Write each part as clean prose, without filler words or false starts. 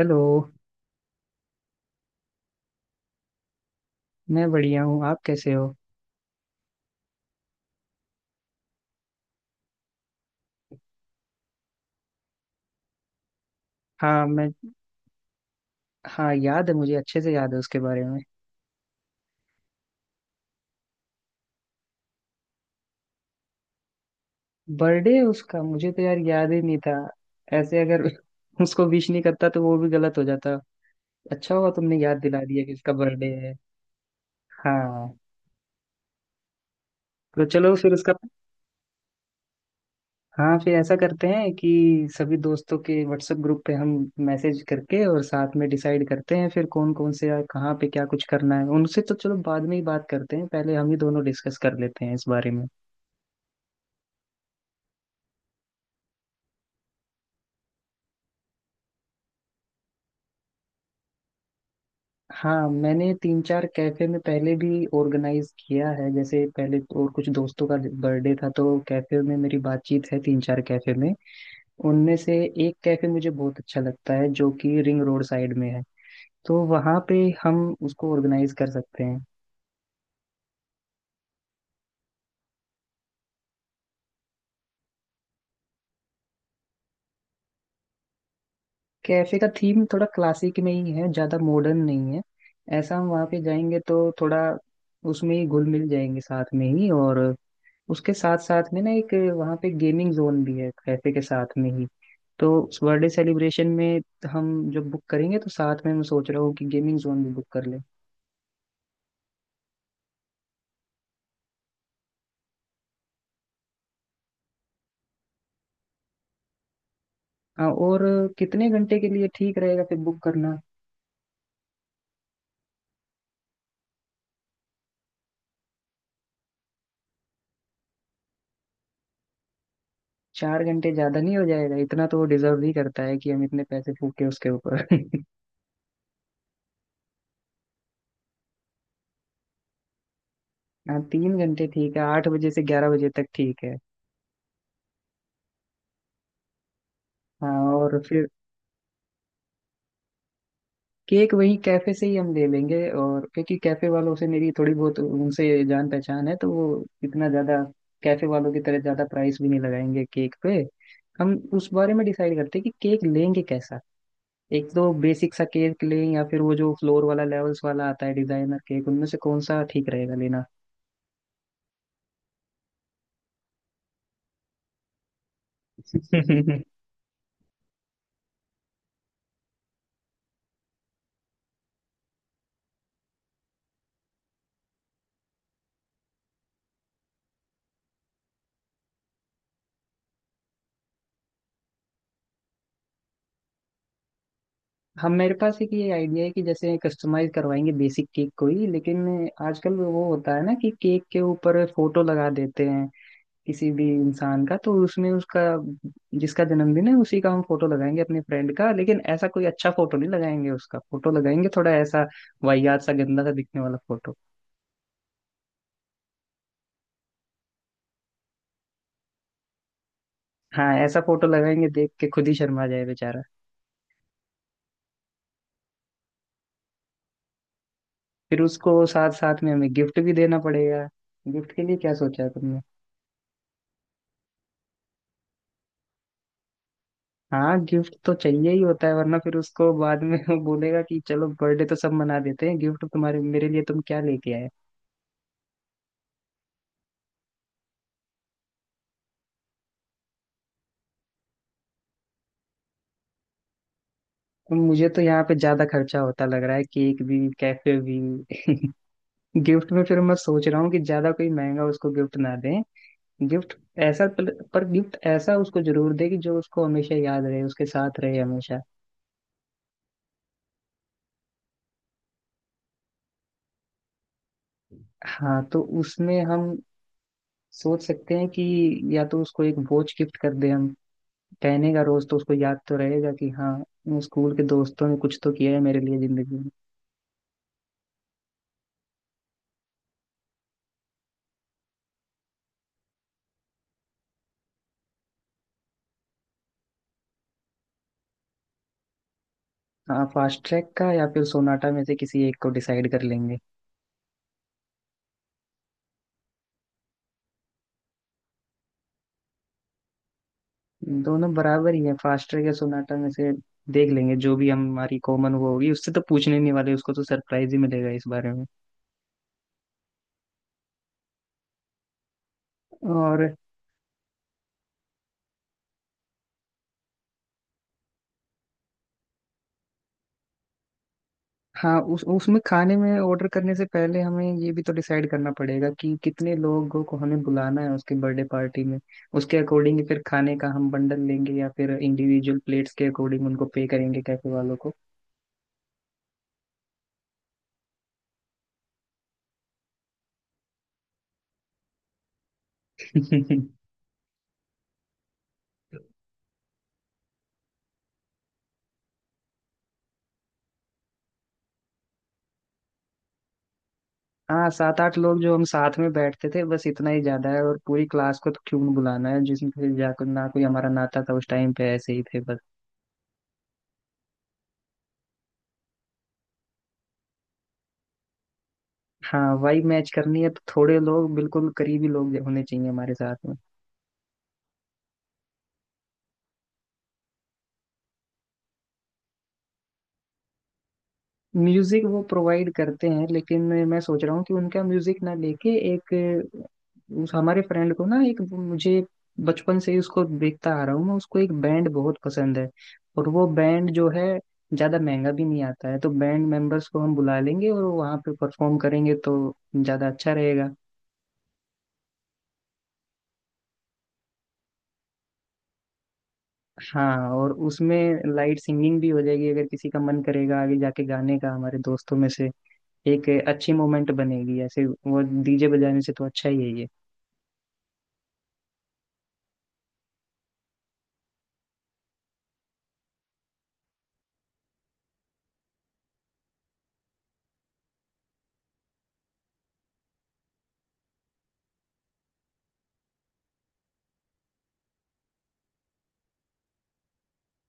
Hello. मैं बढ़िया हूँ, आप कैसे हो? हाँ, मैं हाँ, याद है, मुझे अच्छे से याद है उसके बारे में। बर्थडे उसका मुझे तो यार याद ही नहीं था। ऐसे अगर उसको विश नहीं करता तो वो भी गलत हो जाता। अच्छा हुआ तुमने याद दिला दिया कि उसका बर्थडे है। हाँ, तो चलो फिर उसका, हाँ फिर ऐसा करते हैं कि सभी दोस्तों के व्हाट्सएप ग्रुप पे हम मैसेज करके और साथ में डिसाइड करते हैं फिर कौन कौन से और कहाँ पे क्या कुछ करना है। उनसे तो चलो बाद में ही बात करते हैं, पहले हम ही दोनों डिस्कस कर लेते हैं इस बारे में। हाँ, मैंने तीन चार कैफे में पहले भी ऑर्गेनाइज किया है। जैसे पहले तो और कुछ दोस्तों का बर्थडे था तो कैफे में, मेरी बातचीत है तीन चार कैफे में। उनमें से एक कैफे मुझे बहुत अच्छा लगता है जो कि रिंग रोड साइड में है, तो वहाँ पे हम उसको ऑर्गेनाइज कर सकते हैं। कैफे का थीम थोड़ा क्लासिक में ही है, ज़्यादा मॉडर्न नहीं है। ऐसा हम वहाँ पे जाएंगे तो थोड़ा उसमें ही घुल मिल जाएंगे साथ में ही। और उसके साथ साथ में ना एक वहाँ पे गेमिंग जोन भी है कैफे के साथ में ही, तो उस बर्थडे सेलिब्रेशन में हम जब बुक करेंगे तो साथ में मैं सोच रहा हूँ कि गेमिंग जोन भी बुक कर लें। हाँ, और कितने घंटे के लिए ठीक रहेगा फिर बुक करना? 4 घंटे ज्यादा नहीं हो जाएगा? इतना तो वो डिजर्व ही करता है कि हम इतने पैसे फूके उसके ऊपर। हाँ, 3 घंटे ठीक है, 8 बजे से 11 बजे तक ठीक है। हाँ, और फिर केक वही कैफे से ही हम ले लेंगे। और क्योंकि कैफे वालों से मेरी थोड़ी बहुत उनसे जान पहचान है, तो वो इतना ज्यादा कैफे वालों की तरह ज्यादा प्राइस भी नहीं लगाएंगे केक पे। हम उस बारे में डिसाइड करते हैं कि केक लेंगे कैसा। एक तो बेसिक सा केक लें, या फिर वो जो फ्लोर वाला लेवल्स वाला आता है डिजाइनर केक, उनमें से कौन सा ठीक रहेगा लेना? हम, मेरे पास एक ये आइडिया है कि जैसे कस्टमाइज करवाएंगे बेसिक केक को ही, लेकिन आजकल वो होता है ना कि केक के ऊपर फोटो लगा देते हैं किसी भी इंसान का, तो उसमें उसका, जिसका जन्मदिन है उसी का हम फोटो लगाएंगे, अपने फ्रेंड का। लेकिन ऐसा कोई अच्छा फोटो नहीं लगाएंगे, उसका फोटो लगाएंगे थोड़ा ऐसा वाहियात सा, गंदा सा दिखने वाला फोटो। हाँ, ऐसा फोटो लगाएंगे देख के खुद ही शर्मा जाए बेचारा। फिर उसको साथ साथ में हमें गिफ्ट भी देना पड़ेगा। गिफ्ट के लिए क्या सोचा है तुमने? हाँ, गिफ्ट तो चाहिए ही होता है वरना फिर उसको बाद में वो बोलेगा कि चलो बर्थडे तो सब मना देते हैं, गिफ्ट तुम्हारे मेरे लिए, तुम क्या लेके आए। मुझे तो यहाँ पे ज्यादा खर्चा होता लग रहा है, केक भी, कैफे भी। गिफ्ट में फिर मैं सोच रहा हूँ कि ज्यादा कोई महंगा उसको गिफ्ट ना दें। गिफ्ट ऐसा पर, गिफ्ट ऐसा उसको जरूर दे कि जो उसको हमेशा याद रहे, उसके साथ रहे हमेशा। हाँ, तो उसमें हम सोच सकते हैं कि या तो उसको एक वॉच गिफ्ट कर दें हम, पहनेगा रोज तो उसको याद तो रहेगा कि हाँ स्कूल के दोस्तों ने कुछ तो किया है मेरे लिए जिंदगी में। हाँ, फास्ट ट्रैक का या फिर सोनाटा में से किसी एक को डिसाइड कर लेंगे। दोनों बराबर ही है फास्टर या सोनाटा में से, देख लेंगे जो भी हमारी कॉमन वो होगी। उससे तो पूछने नहीं वाले, उसको तो सरप्राइज ही मिलेगा इस बारे में। और हाँ, उस उसमें खाने में ऑर्डर करने से पहले हमें ये भी तो डिसाइड करना पड़ेगा कि कितने लोगों को हमें बुलाना है उसके बर्थडे पार्टी में। उसके अकॉर्डिंग फिर खाने का हम बंडल लेंगे या फिर इंडिविजुअल प्लेट्स के अकॉर्डिंग उनको पे करेंगे कैफे वालों को। हाँ, सात आठ लोग जो हम साथ में बैठते थे बस, इतना ही ज्यादा है। और पूरी क्लास को तो क्यों नहीं बुलाना है, जिसमें से जा ना कोई हमारा नाता था उस टाइम पे, ऐसे ही थे बस। हाँ, वही मैच करनी है तो थोड़े लोग, बिल्कुल करीबी लोग होने चाहिए हमारे साथ में। म्यूजिक वो प्रोवाइड करते हैं लेकिन मैं सोच रहा हूँ कि उनका म्यूजिक ना लेके एक, उस हमारे फ्रेंड को ना, एक मुझे बचपन से ही उसको देखता आ रहा हूँ, मैं, उसको एक बैंड बहुत पसंद है। और वो बैंड जो है ज्यादा महंगा भी नहीं आता है, तो बैंड मेंबर्स को हम बुला लेंगे और वहाँ पे परफॉर्म करेंगे तो ज्यादा अच्छा रहेगा। हाँ, और उसमें लाइट सिंगिंग भी हो जाएगी अगर किसी का मन करेगा आगे जाके गाने का हमारे दोस्तों में से। एक अच्छी मोमेंट बनेगी ऐसे, वो डीजे बजाने से तो अच्छा ही है ये।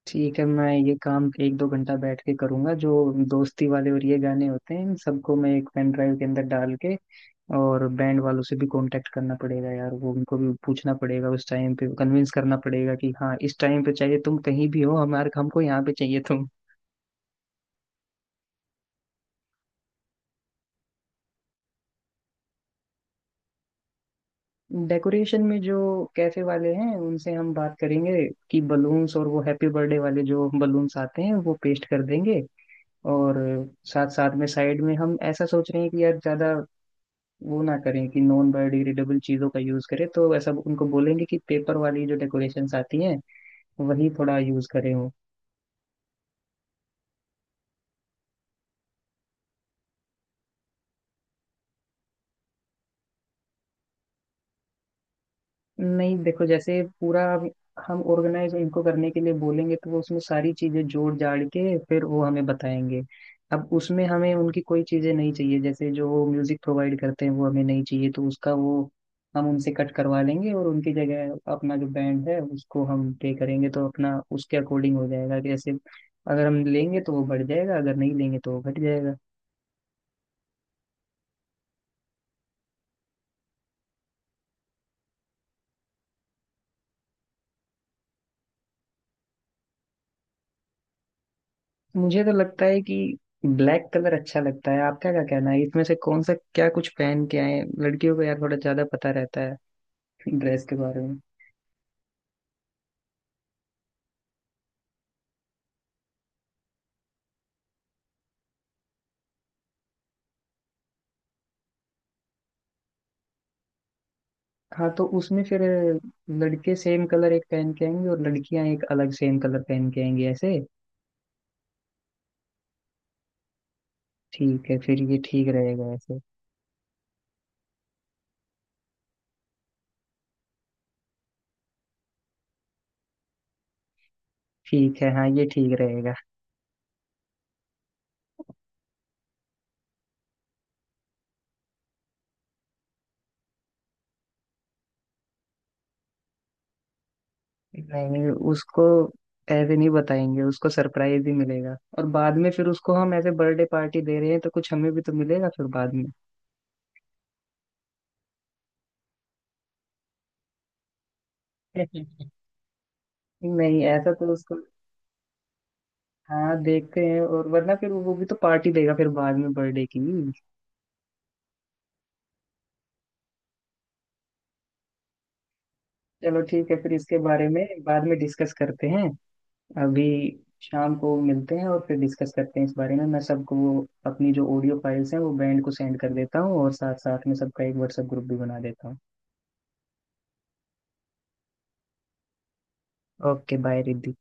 ठीक है, मैं ये काम एक दो घंटा बैठ के करूंगा, जो दोस्ती वाले और ये गाने होते हैं इन सबको मैं एक पेन ड्राइव के अंदर डाल के। और बैंड वालों से भी कांटेक्ट करना पड़ेगा यार, वो उनको भी पूछना पड़ेगा उस टाइम पे, कन्विंस करना पड़ेगा कि हाँ इस टाइम पे चाहिए तुम, कहीं भी हो हमारे, हमको यहाँ पे चाहिए तुम। डेकोरेशन में जो कैफे वाले हैं उनसे हम बात करेंगे कि बलून्स और वो हैप्पी बर्थडे वाले जो बलून्स आते हैं वो पेस्ट कर देंगे। और साथ साथ में साइड में हम ऐसा सोच रहे हैं कि यार ज्यादा वो ना करें कि नॉन बायोडिग्रेडेबल चीज़ों का यूज़ करें, तो ऐसा उनको बोलेंगे कि पेपर वाली जो डेकोरेशंस आती हैं वही थोड़ा यूज़ करें वो। नहीं, देखो जैसे पूरा अब हम ऑर्गेनाइज इनको करने के लिए बोलेंगे तो वो उसमें सारी चीजें जोड़ जाड़ के फिर वो हमें बताएंगे। अब उसमें हमें उनकी कोई चीजें नहीं चाहिए, जैसे जो म्यूजिक प्रोवाइड करते हैं वो हमें नहीं चाहिए, तो उसका वो हम उनसे कट करवा लेंगे और उनकी जगह अपना जो बैंड है उसको हम पे करेंगे। तो अपना उसके अकॉर्डिंग हो जाएगा कि जैसे अगर हम लेंगे तो वो बढ़ जाएगा, अगर नहीं लेंगे तो वो घट जाएगा। मुझे तो लगता है कि ब्लैक कलर अच्छा लगता है, आपका क्या कहना है? इसमें से कौन सा क्या कुछ पहन के आए, लड़कियों को यार थोड़ा ज्यादा पता रहता है ड्रेस के बारे में। हाँ, तो उसमें फिर लड़के सेम कलर एक पहन के आएंगे और लड़कियां एक अलग सेम कलर पहन के आएंगी ऐसे। ठीक है, फिर ये ठीक रहेगा ऐसे। ठीक है, हाँ, ये ठीक रहेगा। नहीं, उसको ऐसे नहीं बताएंगे, उसको सरप्राइज ही मिलेगा। और बाद में फिर उसको हम ऐसे बर्थडे पार्टी दे रहे हैं तो कुछ हमें भी तो मिलेगा फिर बाद में। नहीं, ऐसा तो उसको, हाँ देखते हैं। और वरना फिर वो भी तो पार्टी देगा फिर बाद में बर्थडे की। चलो ठीक है, फिर इसके बारे में बाद में डिस्कस करते हैं। अभी शाम को मिलते हैं और फिर डिस्कस करते हैं इस बारे में। मैं सबको वो अपनी जो ऑडियो फाइल्स हैं वो बैंड को सेंड कर देता हूँ और साथ साथ में सबका एक व्हाट्सएप ग्रुप भी बना देता हूँ। Okay, bye Riddhi.